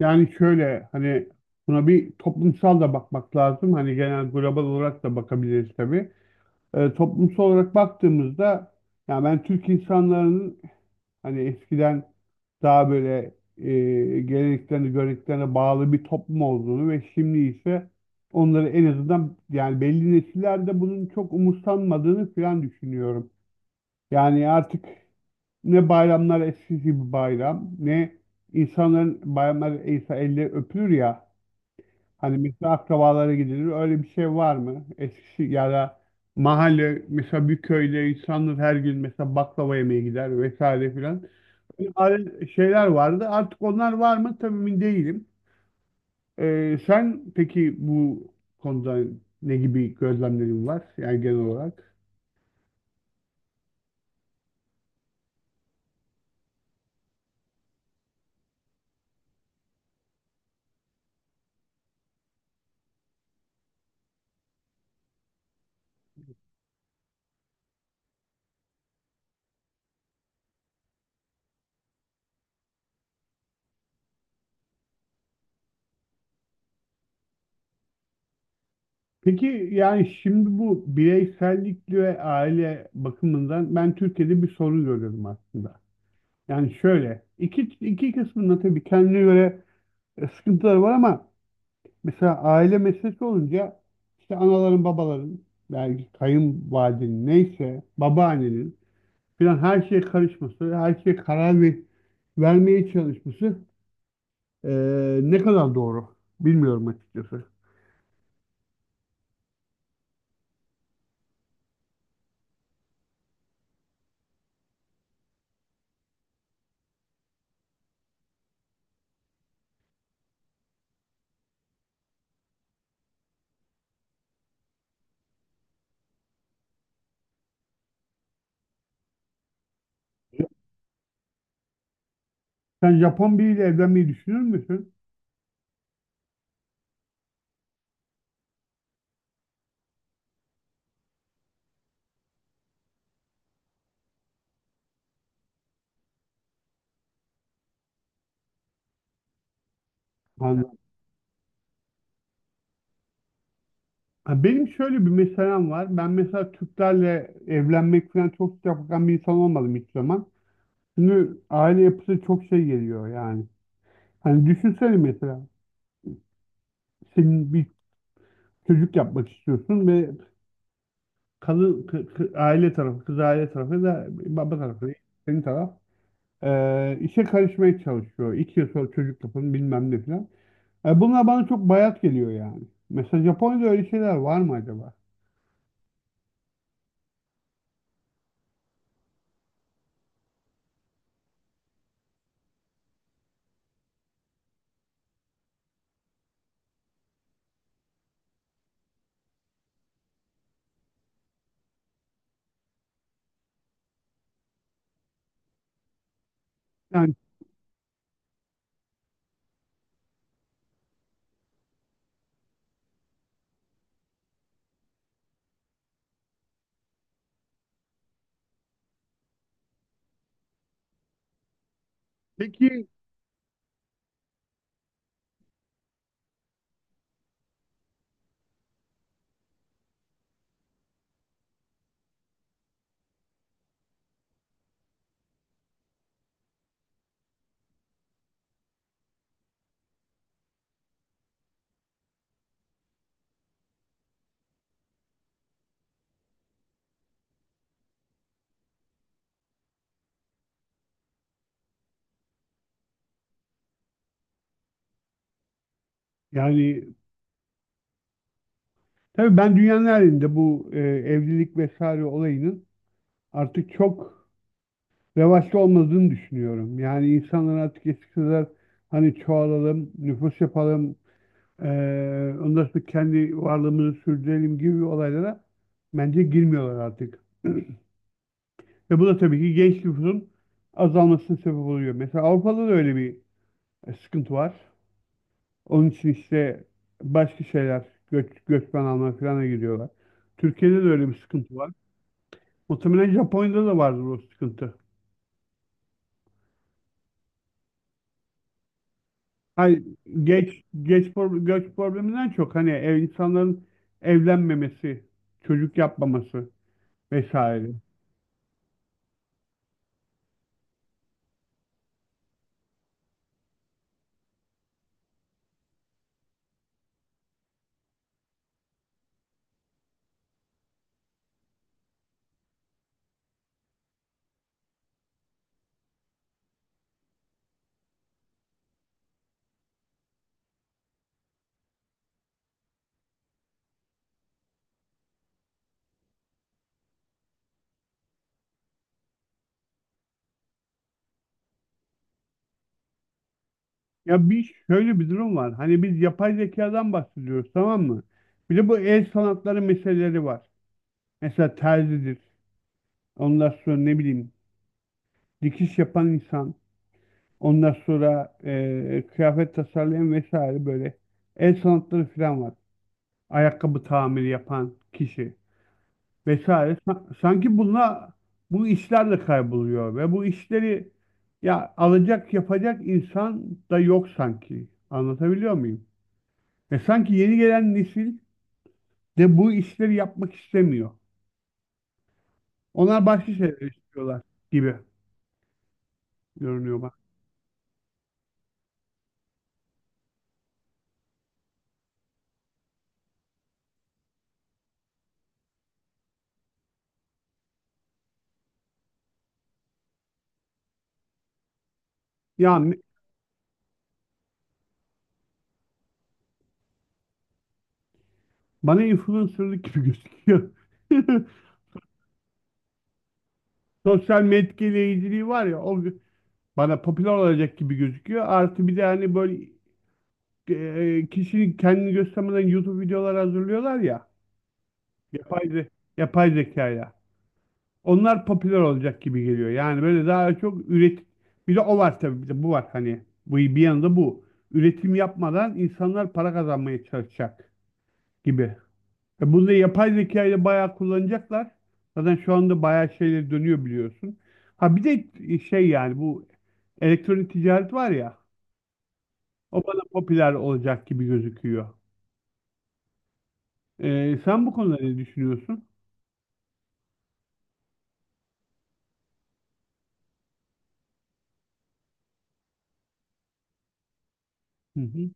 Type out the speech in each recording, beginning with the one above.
Yani şöyle buna bir toplumsal da bakmak lazım. Hani genel global olarak da bakabiliriz tabii. Toplumsal olarak baktığımızda yani ben Türk insanların eskiden daha böyle geleneklerine, göreneklerine bağlı bir toplum olduğunu ve şimdi ise onları en azından yani belli nesillerde bunun çok umursanmadığını falan düşünüyorum. Yani artık ne bayramlar eskisi gibi bayram ne insanların bayramlar ise elle öpülür ya. Hani mesela akrabalara gidilir. Öyle bir şey var mı? Eskişi ya da mahalle, mesela bir köyde insanlar her gün mesela baklava yemeye gider vesaire filan. Şeyler vardı. Artık onlar var mı? Tabii emin değilim. Sen peki bu konuda ne gibi gözlemlerin var? Yani genel olarak. Peki yani şimdi bu bireysellik ve aile bakımından ben Türkiye'de bir sorun görüyorum aslında. Yani şöyle iki kısmında tabii kendine göre sıkıntıları var ama mesela aile meselesi olunca işte anaların babaların belki kayınvalidenin neyse babaannenin filan her şeye karışması, her şeye vermeye çalışması e, ne kadar doğru bilmiyorum açıkçası. Sen Japon biriyle evlenmeyi düşünür müsün? Handan? Ha, benim şöyle bir meselem var. Ben mesela Türklerle evlenmek falan çok sıcak bakan bir insan olmadım hiç zaman. Çünkü aile yapısı çok şey geliyor yani. Hani düşünsene mesela, senin bir çocuk yapmak istiyorsun ve aile tarafı, kız aile tarafı da baba tarafı, senin taraf işe karışmaya çalışıyor. İki yıl sonra çocuk yapın bilmem ne falan. E, bunlar bana çok bayat geliyor yani. Mesela Japonya'da öyle şeyler var mı acaba? Yani peki yani tabii ben dünyanın her yerinde bu evlilik vesaire olayının artık çok revaçta olmadığını düşünüyorum. Yani insanlar artık eskisi kadar hani çoğalalım, nüfus yapalım, ondan sonra kendi varlığımızı sürdürelim gibi olaylara bence girmiyorlar artık. Ve bu da tabii ki genç nüfusun azalmasına sebep oluyor. Mesela Avrupa'da da öyle bir sıkıntı var. Onun için işte başka şeyler, göç, göçmen alma falan giriyorlar. Türkiye'de de öyle bir sıkıntı var. Muhtemelen Japonya'da da vardır o sıkıntı. Hani göç probleminden çok hani insanların evlenmemesi, çocuk yapmaması vesaire. Ya bir şöyle bir durum var. Hani biz yapay zekadan bahsediyoruz, tamam mı? Bir de bu el sanatları meseleleri var. Mesela terzidir. Ondan sonra ne bileyim dikiş yapan insan. Ondan sonra kıyafet tasarlayan vesaire, böyle el sanatları falan var. Ayakkabı tamiri yapan kişi vesaire. Sanki bununla bu işlerle kayboluyor ve bu işleri ya alacak yapacak insan da yok sanki. Anlatabiliyor muyum? Ve sanki yeni gelen nesil de bu işleri yapmak istemiyor. Onlar başka şeyler istiyorlar gibi görünüyor bana. Yani bana influencerlık gibi gözüküyor. Sosyal medya etkileyiciliği var ya, o bana popüler olacak gibi gözüküyor. Artı bir de hani böyle kişinin kendini göstermeden YouTube videolar hazırlıyorlar ya. Yapay, ze- Yapay zekayla. Onlar popüler olacak gibi geliyor. Yani böyle daha çok üret, bir de o var tabii, bir de bu var, hani bu bir yanında bu. Üretim yapmadan insanlar para kazanmaya çalışacak gibi. E bunu da yapay zekayla bayağı kullanacaklar. Zaten şu anda bayağı şeyler dönüyor, biliyorsun. Ha bir de şey, yani bu elektronik ticaret var ya, o bana popüler olacak gibi gözüküyor. E, sen bu konuda ne düşünüyorsun? Hı hı.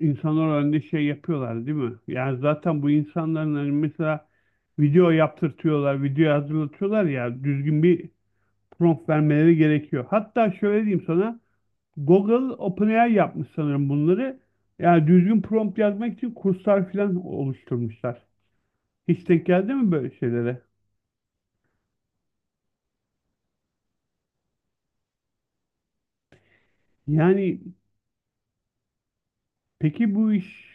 insanlar önünde şey yapıyorlar değil mi? Yani zaten bu insanların hani mesela video yaptırtıyorlar, video hazırlatıyorlar ya, düzgün bir prompt vermeleri gerekiyor. Hatta şöyle diyeyim sana, Google OpenAI yapmış sanırım bunları. Yani düzgün prompt yazmak için kurslar falan oluşturmuşlar. Hiç denk geldi mi böyle şeylere? Yani peki bu iş,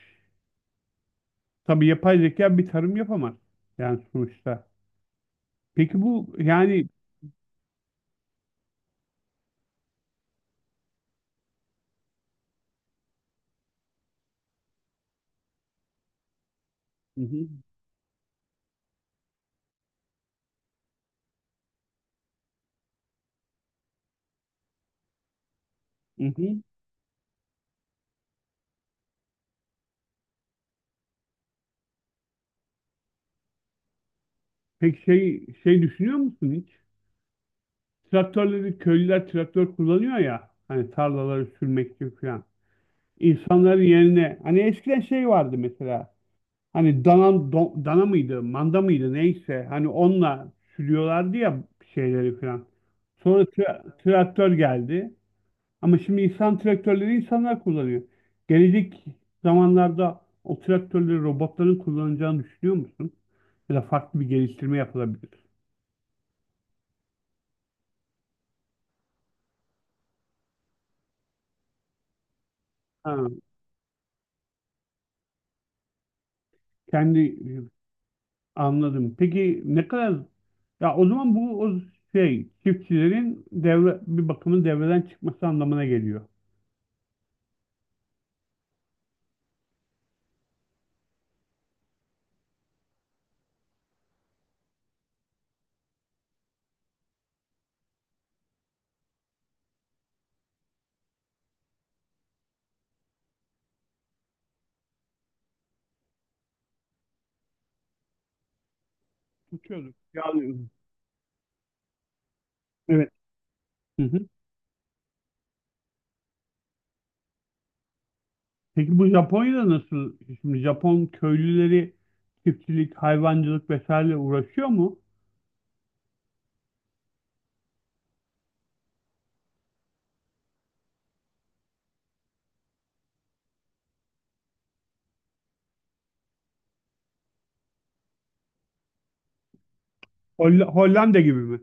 tabii yapay zeka bir tarım yapamaz yani sonuçta. Peki bu yani. Hı hı. Hı hı. Peki şey şey düşünüyor musun hiç? Traktörleri köylüler traktör kullanıyor ya hani, tarlaları sürmek için falan. İnsanların yerine hani eskiden şey vardı mesela, hani dana, dana mıydı manda mıydı neyse, hani onunla sürüyorlardı ya şeyleri falan. Sonra traktör geldi ama şimdi insan traktörleri insanlar kullanıyor. Gelecek zamanlarda o traktörleri robotların kullanacağını düşünüyor musun? Ya da farklı bir geliştirme yapılabilir. Ha. Kendi anladım. Peki ne kadar, ya o zaman bu o şey çiftçilerin devre bir bakımın devreden çıkması anlamına geliyor. Tutuyorduk. Yani evet. Hı hı. Peki bu Japonya'da nasıl? Şimdi Japon köylüleri çiftçilik, hayvancılık vesaire uğraşıyor mu? Hollanda gibi mi?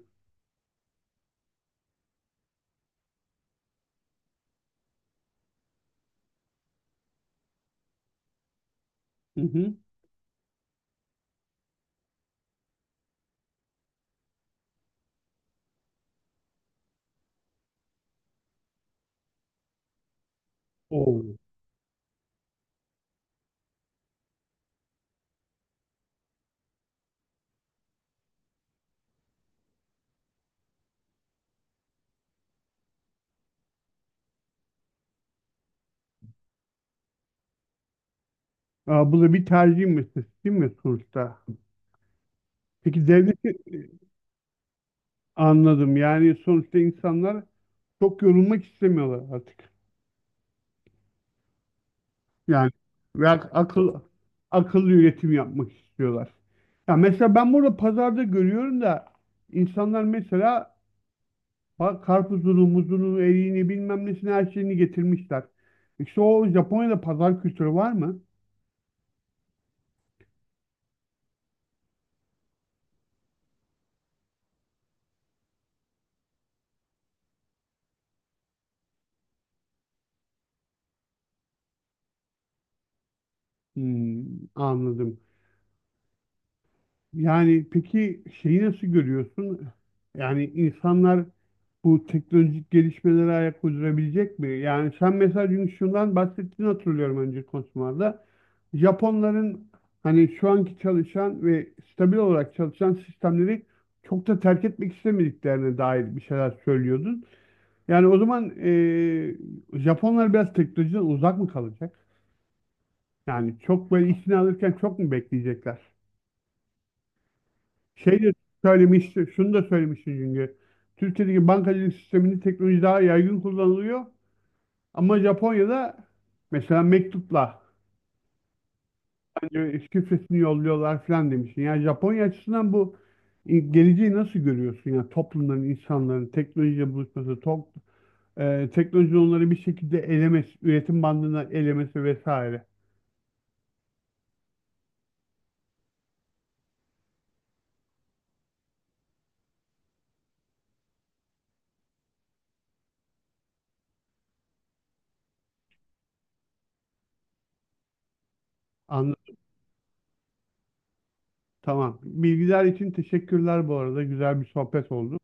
Hı hı. Oo. Aa, bu da bir tercih meselesi değil mi sonuçta? Peki devleti anladım. Yani sonuçta insanlar çok yorulmak istemiyorlar artık. Yani ve akıllı üretim yapmak istiyorlar. Ya mesela ben burada pazarda görüyorum da, insanlar mesela bak karpuzunu, muzunu, eriğini bilmem nesini her şeyini getirmişler. İşte o, Japonya'da pazar kültürü var mı? Hmm, anladım. Yani peki şeyi nasıl görüyorsun? Yani insanlar bu teknolojik gelişmelere ayak uydurabilecek mi? Yani sen mesela dün şundan bahsettiğini hatırlıyorum önce konuşmalarda. Japonların hani şu anki çalışan ve stabil olarak çalışan sistemleri çok da terk etmek istemediklerine dair bir şeyler söylüyordun. Yani o zaman Japonlar biraz teknolojiden uzak mı kalacak? Yani çok böyle işini alırken çok mu bekleyecekler? Şey de söylemiş, şunu da söylemişti çünkü. Türkiye'deki bankacılık sisteminde teknoloji daha yaygın kullanılıyor. Ama Japonya'da mesela mektupla hani şifresini yolluyorlar falan demiştin. Yani Japonya açısından bu geleceği nasıl görüyorsun? Yani toplumların, insanların teknolojiyle buluşması, teknolojinin onları bir şekilde elemesi, üretim bandına elemesi vesaire. Anladım. Tamam. Bilgiler için teşekkürler bu arada. Güzel bir sohbet oldu.